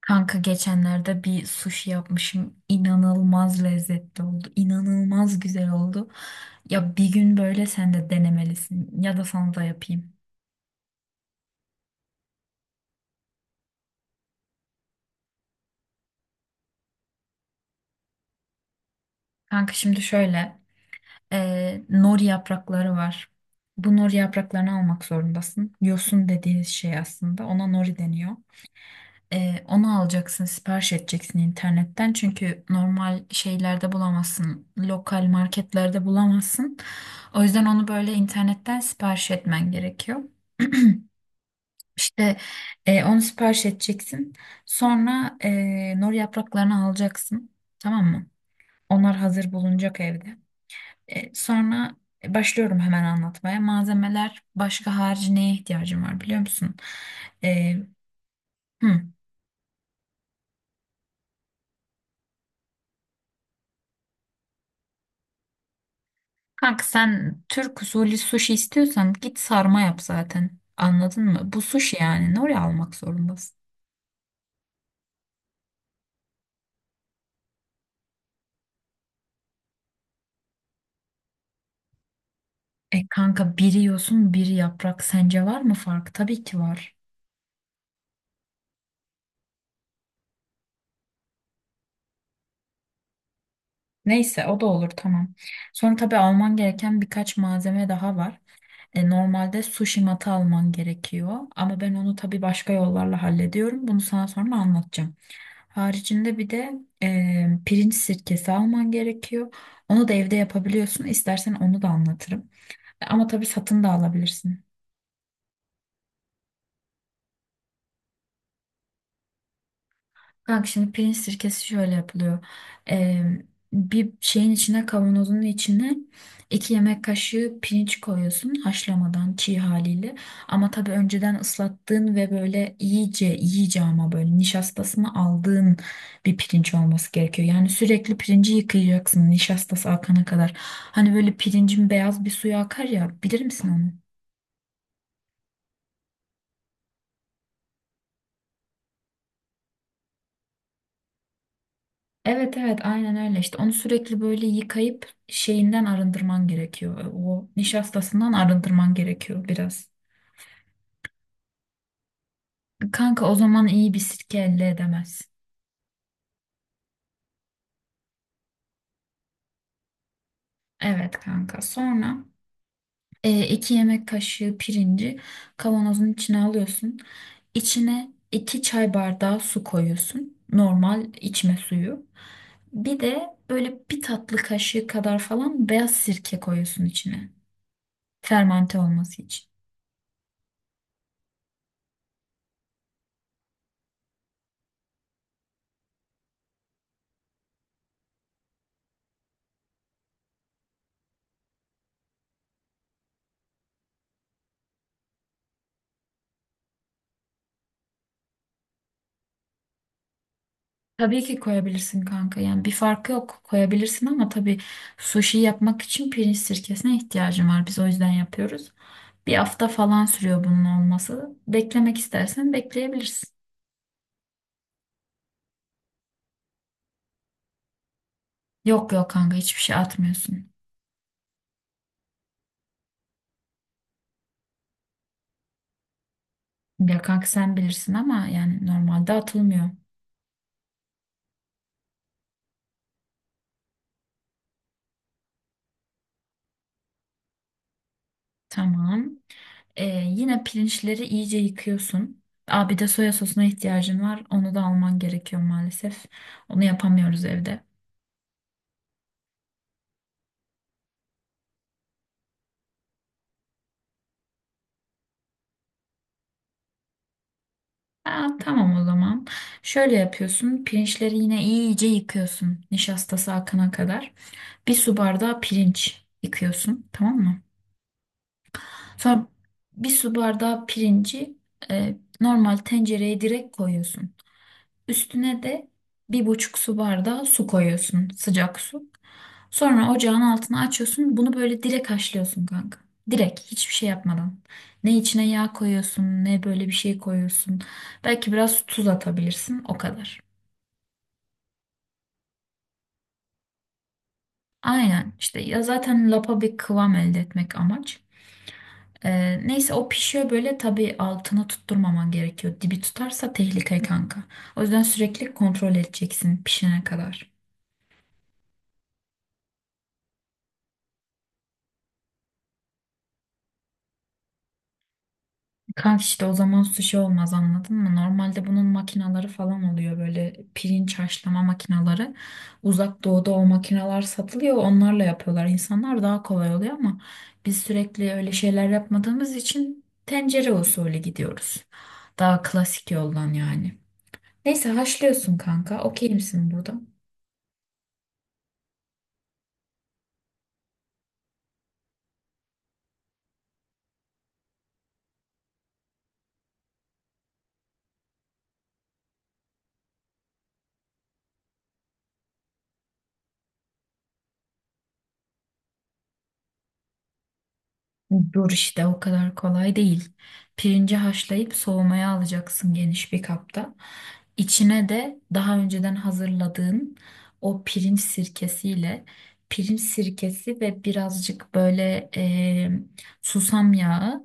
Kanka geçenlerde bir sushi yapmışım. İnanılmaz lezzetli oldu. İnanılmaz güzel oldu. Ya bir gün böyle sen de denemelisin. Ya da sana da yapayım. Kanka şimdi şöyle. Nori yaprakları var. Bu nori yapraklarını almak zorundasın. Yosun dediğiniz şey aslında. Ona nori deniyor. Onu alacaksın, sipariş edeceksin internetten. Çünkü normal şeylerde bulamazsın. Lokal marketlerde bulamazsın. O yüzden onu böyle internetten sipariş etmen gerekiyor. İşte onu sipariş edeceksin. Sonra nor yapraklarını alacaksın. Tamam mı? Onlar hazır bulunacak evde. Sonra başlıyorum hemen anlatmaya. Malzemeler başka harici neye ihtiyacım var biliyor musun? E, hı. Kanka sen Türk usulü sushi istiyorsan git sarma yap zaten. Anladın mı? Bu sushi yani. Ne oraya almak zorundasın? E kanka biri yosun biri yaprak. Sence var mı fark? Tabii ki var. Neyse o da olur tamam. Sonra tabii alman gereken birkaç malzeme daha var. E, normalde sushi matı alman gerekiyor. Ama ben onu tabii başka yollarla hallediyorum. Bunu sana sonra anlatacağım. Haricinde bir de pirinç sirkesi alman gerekiyor. Onu da evde yapabiliyorsun. İstersen onu da anlatırım. Ama tabii satın da alabilirsin. Kanka şimdi pirinç sirkesi şöyle yapılıyor. Ee, bir şeyin içine kavanozun içine 2 yemek kaşığı pirinç koyuyorsun haşlamadan çiğ haliyle. Ama tabii önceden ıslattığın ve böyle iyice iyice ama böyle nişastasını aldığın bir pirinç olması gerekiyor. Yani sürekli pirinci yıkayacaksın nişastası akana kadar. Hani böyle pirincin beyaz bir suyu akar ya bilir misin onu? Evet evet aynen öyle işte onu sürekli böyle yıkayıp şeyinden arındırman gerekiyor. O nişastasından arındırman gerekiyor biraz. Kanka o zaman iyi bir sirke elde edemez. Evet kanka sonra 2 yemek kaşığı pirinci kavanozun içine alıyorsun. İçine 2 çay bardağı su koyuyorsun. Normal içme suyu. Bir de böyle bir tatlı kaşığı kadar falan beyaz sirke koyuyorsun içine. Fermante olması için. Tabii ki koyabilirsin kanka. Yani bir farkı yok. Koyabilirsin ama tabii sushi yapmak için pirinç sirkesine ihtiyacım var. Biz o yüzden yapıyoruz. Bir hafta falan sürüyor bunun olması. Beklemek istersen bekleyebilirsin. Yok yok kanka hiçbir şey atmıyorsun. Ya kanka sen bilirsin ama yani normalde atılmıyor. Tamam. Yine pirinçleri iyice yıkıyorsun. Aa, bir de soya sosuna ihtiyacın var. Onu da alman gerekiyor maalesef. Onu yapamıyoruz evde. Aa, tamam o zaman. Şöyle yapıyorsun. Pirinçleri yine iyice yıkıyorsun. Nişastası akana kadar. Bir su bardağı pirinç yıkıyorsun. Tamam mı? Sonra bir su bardağı pirinci normal tencereye direkt koyuyorsun. Üstüne de 1,5 su bardağı su koyuyorsun, sıcak su. Sonra ocağın altını açıyorsun. Bunu böyle direkt haşlıyorsun kanka. Direkt hiçbir şey yapmadan. Ne içine yağ koyuyorsun, ne böyle bir şey koyuyorsun. Belki biraz tuz atabilirsin, o kadar. Aynen işte ya zaten lapa bir kıvam elde etmek amaç. Neyse o pişiyor böyle tabii altını tutturmaman gerekiyor. Dibi tutarsa tehlike kanka. O yüzden sürekli kontrol edeceksin pişene kadar. Kanka işte o zaman sushi olmaz anladın mı? Normalde bunun makinaları falan oluyor böyle pirinç haşlama makinaları. Uzak doğuda o makinalar satılıyor onlarla yapıyorlar. İnsanlar daha kolay oluyor ama biz sürekli öyle şeyler yapmadığımız için tencere usulü gidiyoruz. Daha klasik yoldan yani. Neyse haşlıyorsun kanka. Okey misin burada? Dur işte o kadar kolay değil. Pirinci haşlayıp soğumaya alacaksın geniş bir kapta. İçine de daha önceden hazırladığın o pirinç sirkesiyle pirinç sirkesi ve birazcık böyle susam yağı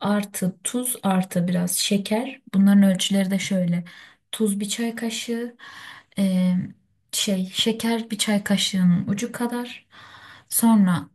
artı tuz artı biraz şeker. Bunların ölçüleri de şöyle. Tuz bir çay kaşığı, e, şey şeker bir çay kaşığının ucu kadar. Sonra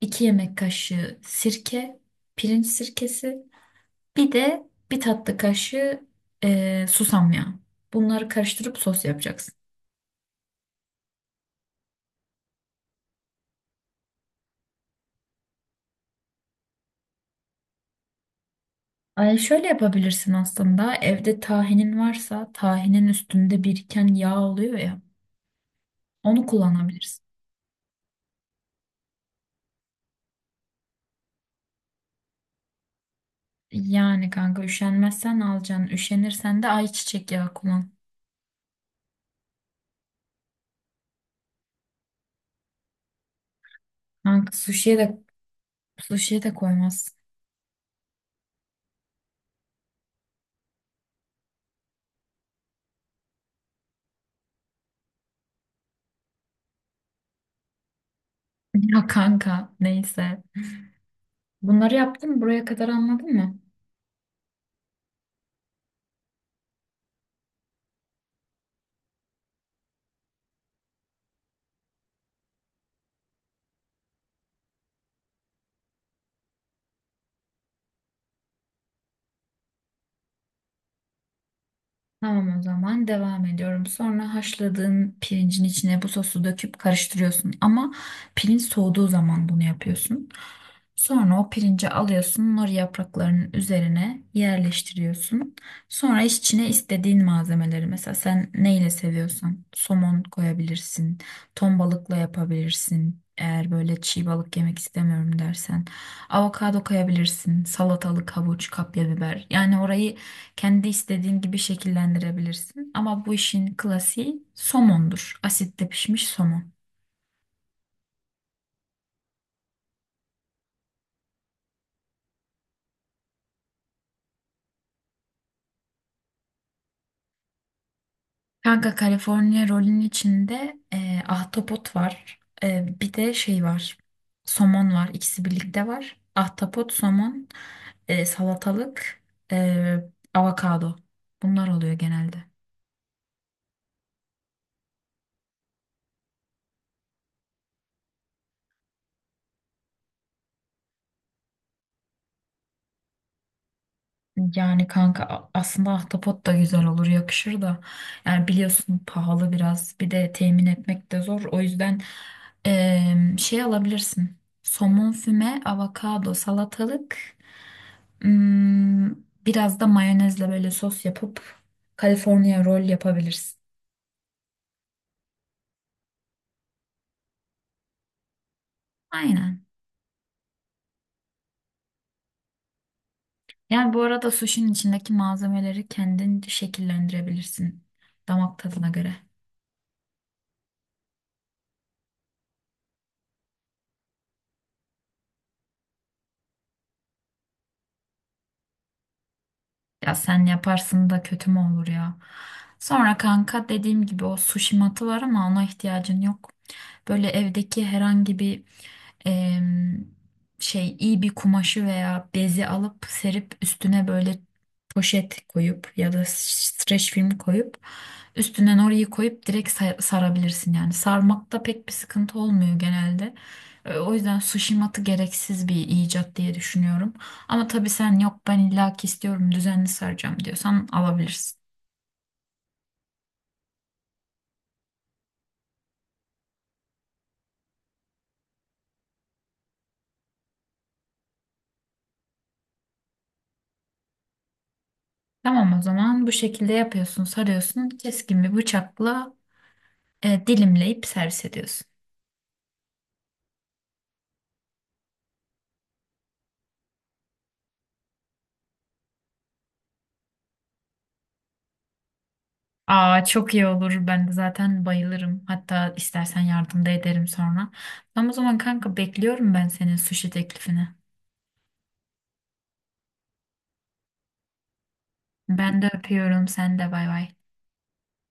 2 yemek kaşığı sirke, pirinç sirkesi, bir de bir tatlı kaşığı susam yağı. Bunları karıştırıp sos yapacaksın. Ay şöyle yapabilirsin aslında. Evde tahinin varsa tahinin üstünde biriken yağ oluyor ya. Onu kullanabilirsin. Yani kanka üşenmezsen alacaksın. Üşenirsen de ayçiçek yağı kullan. Kanka suşiye de koymaz. Ya kanka neyse. Bunları yaptın mı? Buraya kadar anladın mı? Tamam o zaman devam ediyorum. Sonra haşladığın pirincin içine bu sosu döküp karıştırıyorsun. Ama pirinç soğuduğu zaman bunu yapıyorsun. Sonra o pirinci alıyorsun, nori yapraklarının üzerine yerleştiriyorsun. Sonra içine istediğin malzemeleri mesela sen neyle seviyorsan somon koyabilirsin, ton balıkla yapabilirsin. Eğer böyle çiğ balık yemek istemiyorum dersen avokado koyabilirsin, salatalık, havuç, kapya biber. Yani orayı kendi istediğin gibi şekillendirebilirsin. Ama bu işin klasiği somondur. Asitte pişmiş somon. Kanka California rolün içinde ahtapot var. Bir de şey var. Somon var. İkisi birlikte var. Ahtapot, somon, salatalık, e, avokado. Bunlar oluyor genelde. Yani kanka aslında ahtapot da güzel olur, yakışır da. Yani biliyorsun pahalı biraz. Bir de temin etmek de zor. O yüzden şey alabilirsin. Somon füme, avokado, salatalık. Hmm, biraz da mayonezle böyle sos yapıp California roll yapabilirsin. Aynen. Yani bu arada suşinin içindeki malzemeleri kendin şekillendirebilirsin damak tadına göre. Ya sen yaparsın da kötü mü olur ya? Sonra kanka dediğim gibi o sushi matı var ama ona ihtiyacın yok. Böyle evdeki herhangi bir em, şey iyi bir kumaşı veya bezi alıp serip üstüne böyle poşet koyup ya da streç film koyup üstüne orayı koyup direkt sarabilirsin yani. Sarmakta pek bir sıkıntı olmuyor genelde. O yüzden sushi matı gereksiz bir icat diye düşünüyorum. Ama tabii sen yok ben illaki istiyorum düzenli saracağım diyorsan alabilirsin. Tamam o zaman bu şekilde yapıyorsun sarıyorsun keskin bir bıçakla dilimleyip servis ediyorsun. Aa çok iyi olur ben de zaten bayılırım hatta istersen yardım da ederim sonra. Tamam o zaman kanka bekliyorum ben senin sushi teklifini. Ben de öpüyorum sen de bay bay.